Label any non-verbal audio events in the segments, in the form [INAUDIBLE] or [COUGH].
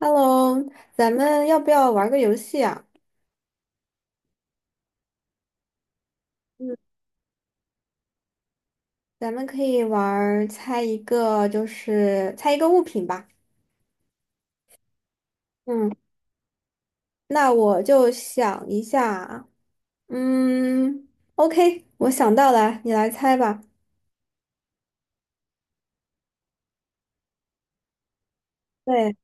Hello，咱们要不要玩个游戏啊？嗯，咱们可以玩儿猜一个，就是猜一个物品吧。嗯，那我就想一下。嗯，OK，我想到了，你来猜吧。对。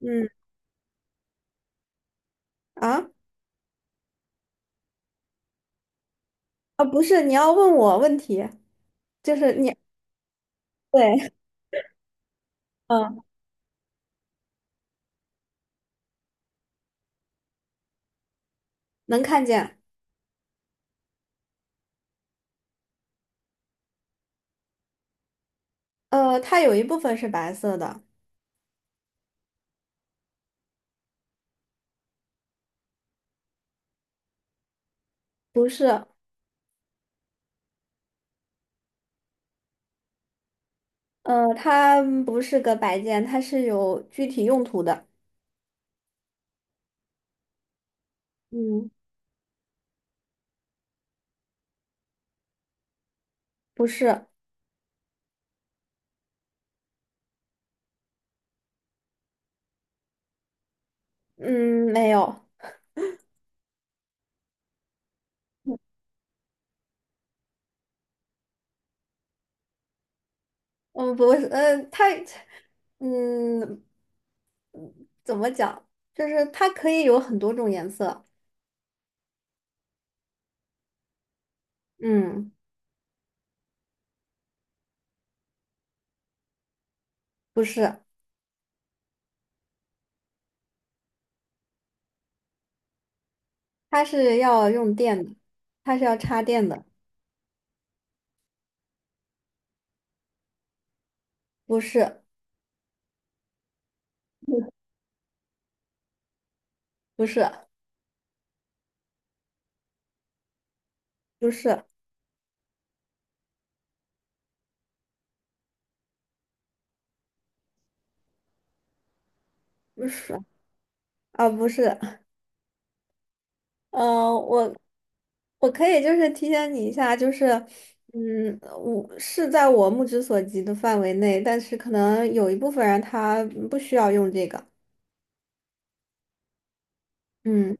嗯。啊啊，不是，你要问我问题，就是你，对。嗯，能看见。它有一部分是白色的。不是。它不是个摆件，它是有具体用途的。嗯，不是。嗯，没有。不是，嗯，怎么讲？就是它可以有很多种颜色。嗯，不是，它是要用电的，它是要插电的。不是，不是，不是，不是，啊，不是。呃，我我可以就是提醒你一下，就是我是在我目之所及的范围内，但是可能有一部分人他不需要用这个。嗯，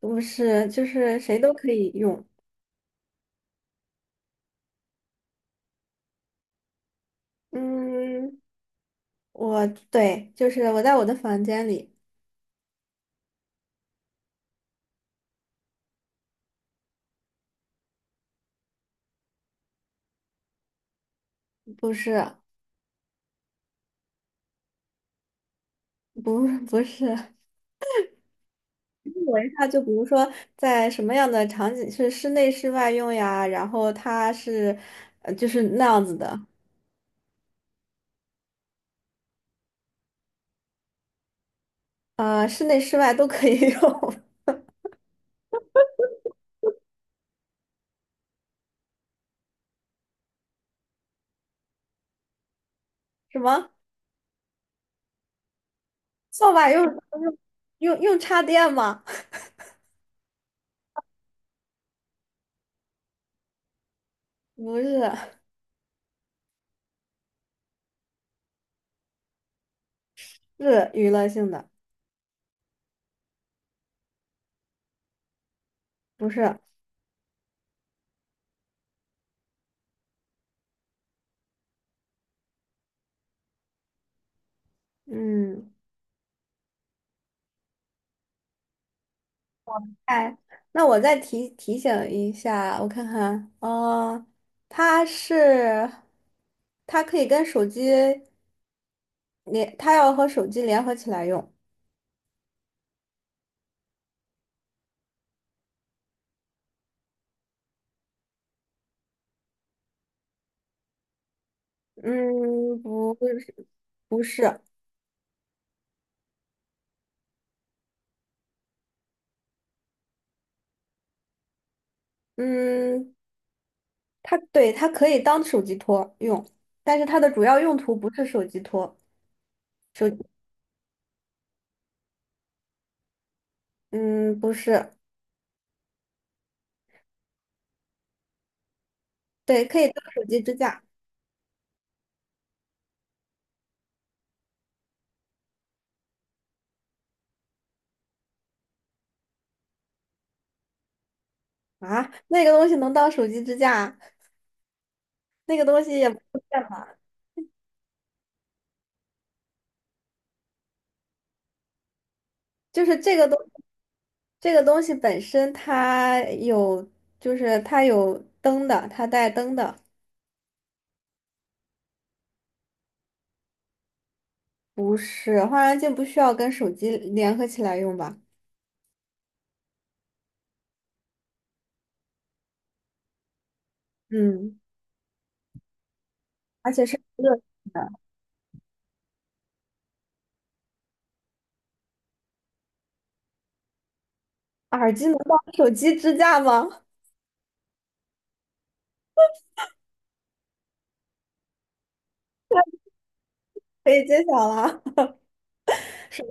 不是，就是谁都可以用。嗯，我对，就是我在我的房间里。不是，不，不是。我一下就比如说在什么样的场景是室内室外用呀，然后它是，就是那样子的。室内室外都可以用。[LAUGHS] 什么扫把用插电吗？[LAUGHS] 不是，是娱乐性的。不是。嗯。哎，那我再提醒一下，我看看，它是，它可以跟手机连，它要和手机联合起来用。嗯，不是，不是。嗯，它对，它可以当手机托用，但是它的主要用途不是手机托。手，嗯，不是。对，可以当手机支架啊。那个东西能当手机支架，那个东西也不是电脑，就是这个东。这个东西本身它有，就是它有灯的，它带灯的。不是化妆镜不需要跟手机联合起来用吧？嗯，而且是热的。耳机能当手机支架吗？可以揭晓了。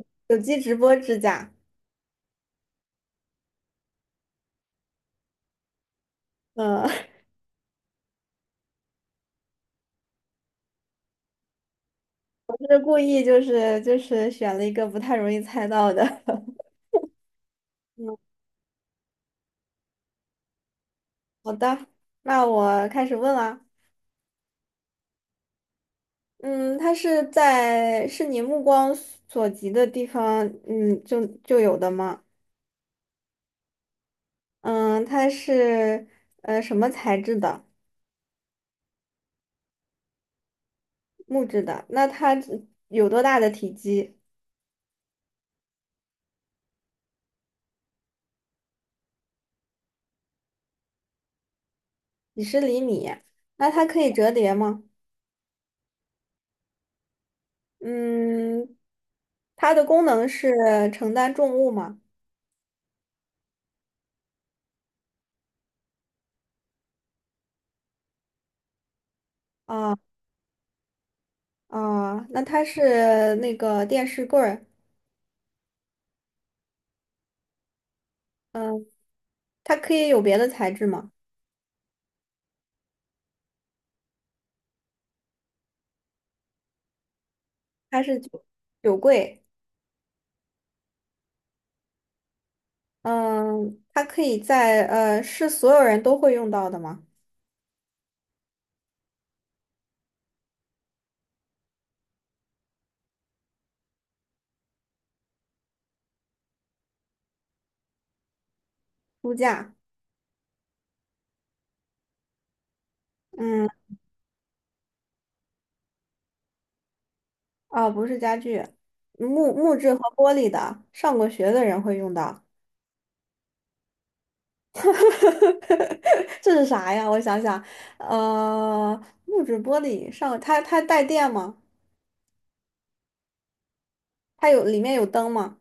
[LAUGHS] 手机直播支架。嗯。[LAUGHS] 就是故意就是选了一个不太容易猜到的。[LAUGHS] 嗯，好的，那我开始问了。嗯，它是在是你目光所及的地方，就有的吗？嗯，它是什么材质的？木质的。那它有多大的体积？几十厘米。那它可以折叠吗？嗯，它的功能是承担重物吗？啊啊，那它是那个电视柜儿。嗯，它可以有别的材质吗？它是酒柜。嗯，它可以在是所有人都会用到的吗？书架。嗯。哦，不是家具，木质和玻璃的，上过学的人会用到。[LAUGHS] 这是啥呀？我想想。呃，木质玻璃上，它带电吗？它有里面有灯吗？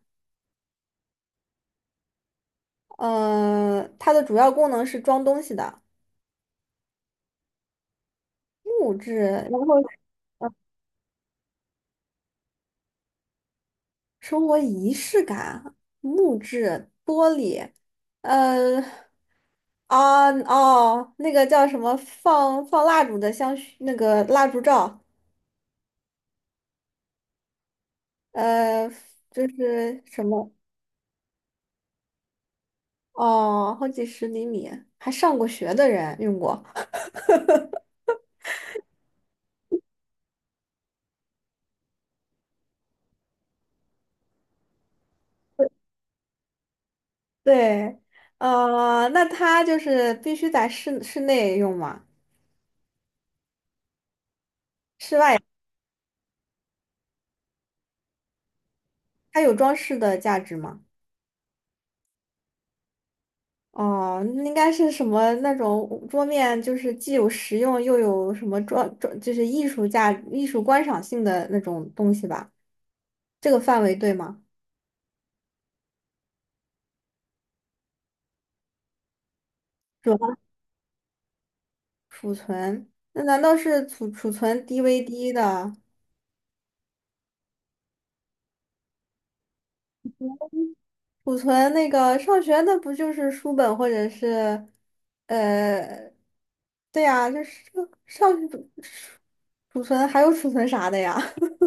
它的主要功能是装东西的，木质，然后呃，生活仪式感，木质玻璃。呃，啊哦，那个叫什么放蜡烛的香薰，那个蜡烛罩。呃，就是什么哦，好几十厘米，还上过学的人用过。[LAUGHS] 对。那它就是必须在室内用吗？室外它有装饰的价值吗？哦，那应该是什么那种桌面，就是既有实用又有什么装，就是艺术价、艺术观赏性的那种东西吧？这个范围对吗？主要储存，那难道是储存 DVD 的？储存那个上学那不就是书本或者是，呃，对呀，就是上储存还有储存啥的呀？[LAUGHS]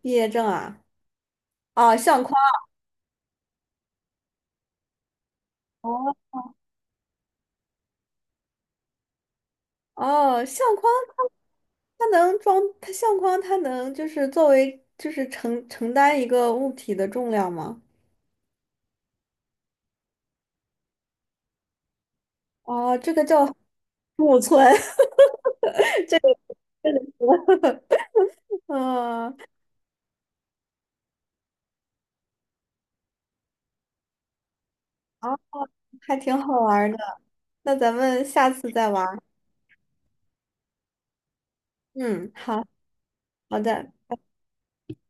毕业证啊。啊，相框哦。哦，相框它能装它相框它能就是作为就是承担一个物体的重量吗？哦，这个叫 [LAUGHS] 储存，[LAUGHS] 这个词 [LAUGHS] 嗯，啊，还挺好玩儿的。那咱们下次再玩儿嗯，好。好的。